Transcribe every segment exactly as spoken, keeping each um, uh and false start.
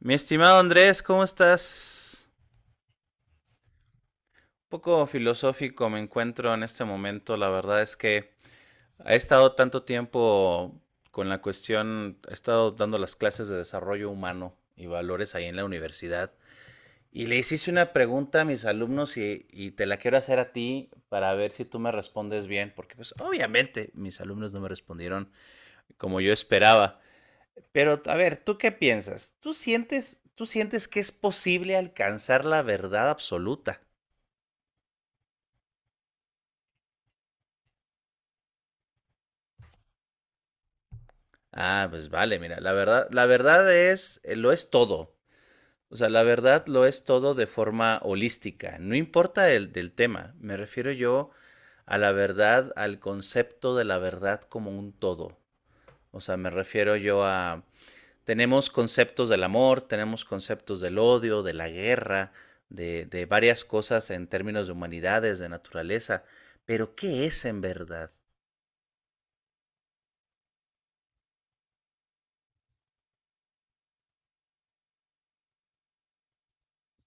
Mi estimado Andrés, ¿cómo estás? Un poco filosófico me encuentro en este momento. La verdad es que he estado tanto tiempo con la cuestión, he estado dando las clases de desarrollo humano y valores ahí en la universidad. Y le hiciste una pregunta a mis alumnos y, y te la quiero hacer a ti para ver si tú me respondes bien, porque pues obviamente mis alumnos no me respondieron como yo esperaba. Pero, a ver, ¿tú qué piensas? ¿Tú sientes, tú sientes que es posible alcanzar la verdad absoluta? Ah, pues vale, mira, la verdad, la verdad es, eh, lo es todo. O sea, la verdad lo es todo de forma holística. No importa el del tema. Me refiero yo a la verdad, al concepto de la verdad como un todo. O sea, me refiero yo a. Tenemos conceptos del amor, tenemos conceptos del odio, de la guerra, de, de varias cosas en términos de humanidades, de naturaleza. Pero ¿qué es en verdad?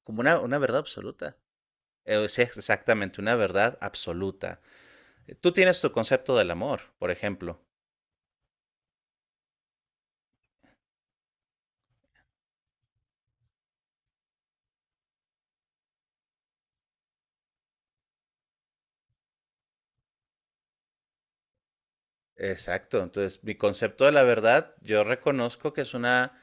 Como una, una verdad absoluta. Es exactamente una verdad absoluta. Tú tienes tu concepto del amor, por ejemplo. Exacto. Entonces, mi concepto de la verdad, yo reconozco que es una,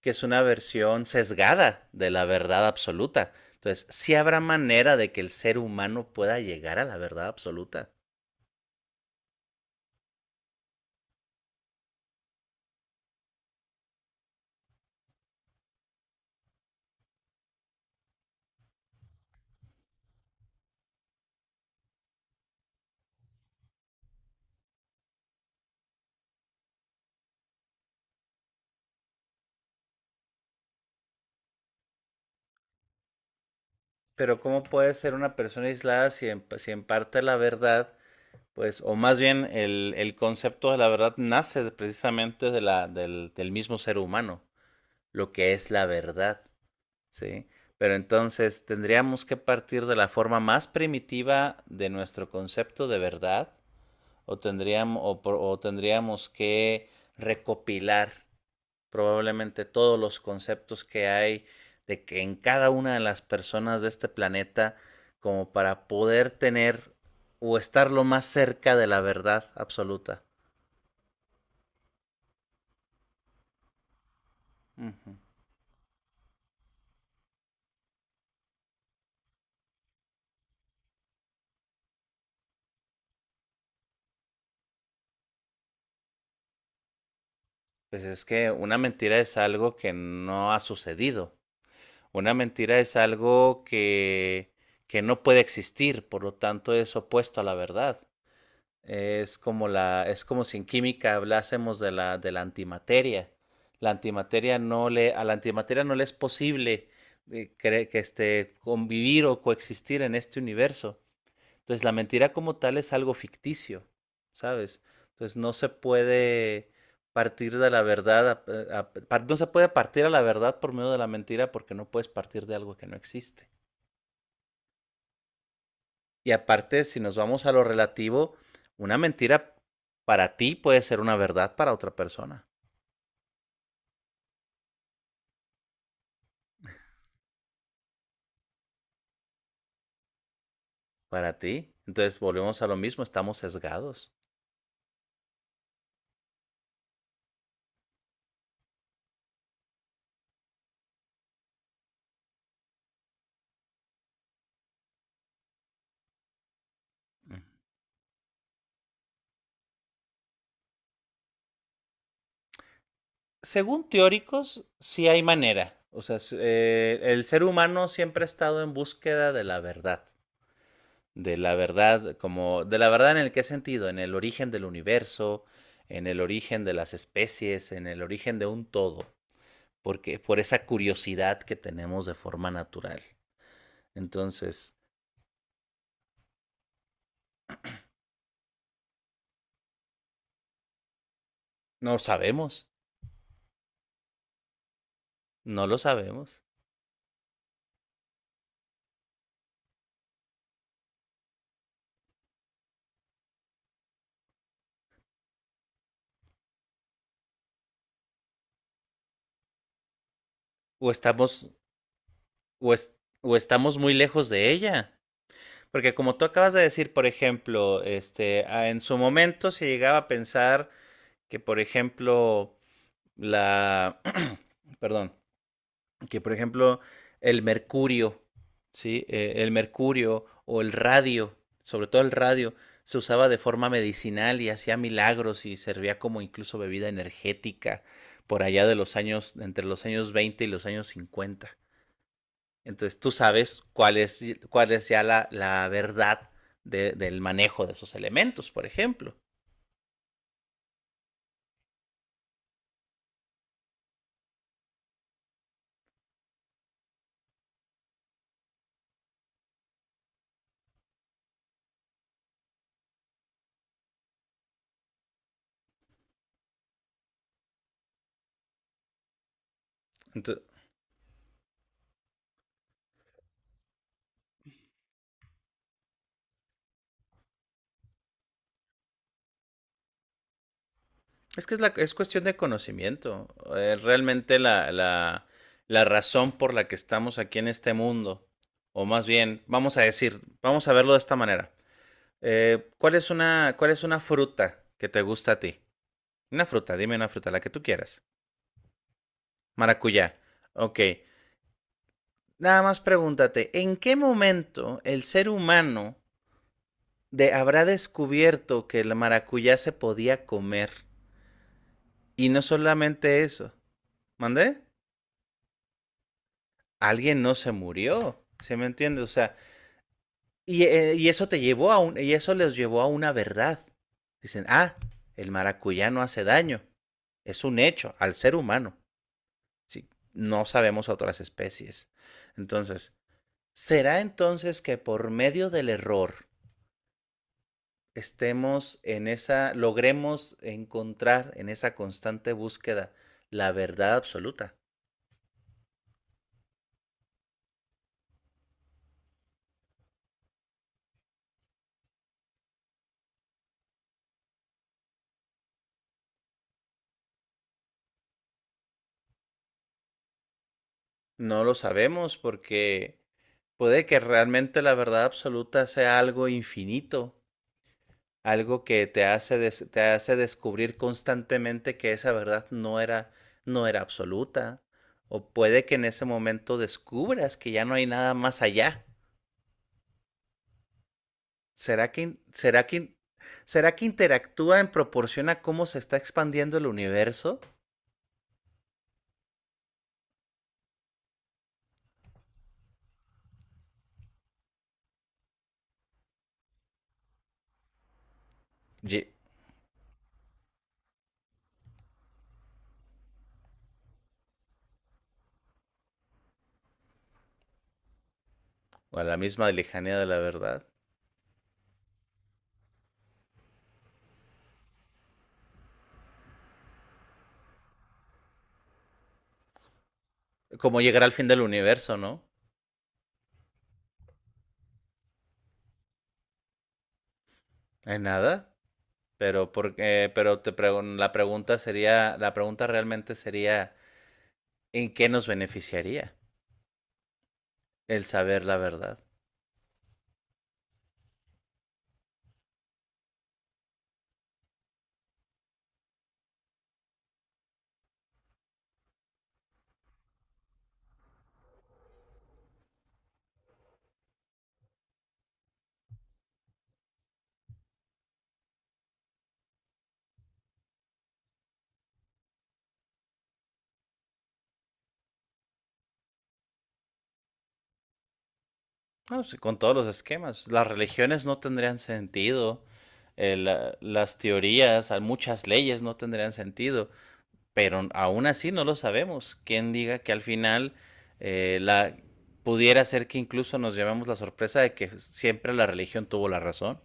que es una versión sesgada de la verdad absoluta. Entonces, sí habrá manera de que el ser humano pueda llegar a la verdad absoluta. Pero ¿cómo puede ser una persona aislada si en, si en parte la verdad, pues, o más bien el, el concepto de la verdad nace precisamente de la, del, del mismo ser humano, lo que es la verdad, ¿sí? Pero entonces tendríamos que partir de la forma más primitiva de nuestro concepto de verdad, o tendríamos, o o tendríamos que recopilar probablemente todos los conceptos que hay de que en cada una de las personas de este planeta como para poder tener o estar lo más cerca de la verdad absoluta. Uh-huh. Pues es que una mentira es algo que no ha sucedido. Una mentira es algo que, que no puede existir, por lo tanto es opuesto a la verdad. Es como la, es como si en química hablásemos de la, de la antimateria. La antimateria no le, a la antimateria no le es posible eh, cre- que este, convivir o coexistir en este universo. Entonces la mentira como tal es algo ficticio, ¿sabes? Entonces no se puede partir de la verdad, a- a- par- no se puede partir a la verdad por medio de la mentira porque no puedes partir de algo que no existe. Y aparte, si nos vamos a lo relativo, una mentira para ti puede ser una verdad para otra persona, para ti. Entonces volvemos a lo mismo, estamos sesgados. Según teóricos, sí hay manera. O sea, eh, el ser humano siempre ha estado en búsqueda de la verdad, de la verdad como, de la verdad en el qué sentido, en el origen del universo, en el origen de las especies, en el origen de un todo, porque por esa curiosidad que tenemos de forma natural. Entonces, no sabemos, no lo sabemos. O estamos, o, es- o estamos muy lejos de ella. Porque como tú acabas de decir, por ejemplo, este, a- en su momento se llegaba a pensar que, por ejemplo, la, perdón, que por ejemplo el mercurio, ¿sí? Eh, el mercurio o el radio, sobre todo el radio, se usaba de forma medicinal y hacía milagros y servía como incluso bebida energética por allá de los años, entre los años veinte y los años cincuenta. Entonces tú sabes cuál es, cuál es ya la, la verdad de, del manejo de esos elementos, por ejemplo. Entonces, es que es, la, es cuestión de conocimiento. Eh, realmente la, la, la razón por la que estamos aquí en este mundo, o más bien, vamos a decir, vamos a verlo de esta manera. Eh, ¿cuál es una, cuál es una fruta que te gusta a ti? Una fruta, dime una fruta, la que tú quieras. Maracuyá. Ok. Nada más pregúntate, ¿en qué momento el ser humano de, habrá descubierto que el maracuyá se podía comer? Y no solamente eso. ¿Mandé? Alguien no se murió, ¿se me entiende? O sea, y, eh, y eso te llevó a un, y eso les llevó a una verdad. Dicen, ah, el maracuyá no hace daño. Es un hecho al ser humano. Sí, no sabemos otras especies. Entonces, ¿será entonces que por medio del error estemos en esa, logremos encontrar en esa constante búsqueda la verdad absoluta? No lo sabemos porque puede que realmente la verdad absoluta sea algo infinito, algo que te hace, des- te hace descubrir constantemente que esa verdad no era, no era absoluta. O puede que en ese momento descubras que ya no hay nada más allá. ¿Será que, in- será que, in- será que interactúa en proporción a cómo se está expandiendo el universo? Ye- o a la misma lejanía de la verdad. Como llegar al fin del universo, ¿no? ¿Hay nada? Pero porque, pero te pregun- La pregunta sería, la pregunta realmente sería, ¿en qué nos beneficiaría el saber la verdad? No, sí, con todos los esquemas. Las religiones no tendrían sentido, eh, la- las teorías, al- muchas leyes no tendrían sentido, pero aún así no lo sabemos. ¿Quién diga que al final eh, la pudiera ser que incluso nos llevemos la sorpresa de que siempre la religión tuvo la razón?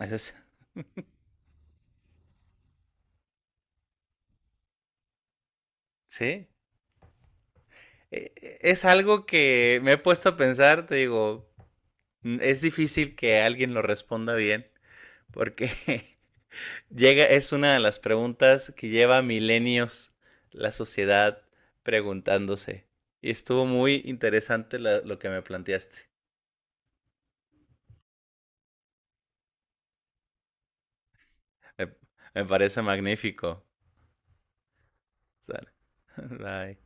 Ese es- sí, eh, es algo que me he puesto a pensar, te digo, mm, es difícil que alguien lo responda bien, porque llega, es una de las preguntas que lleva milenios la sociedad preguntándose. Y estuvo muy interesante la- lo que me planteaste. Me, me parece magnífico. Sale. Bye.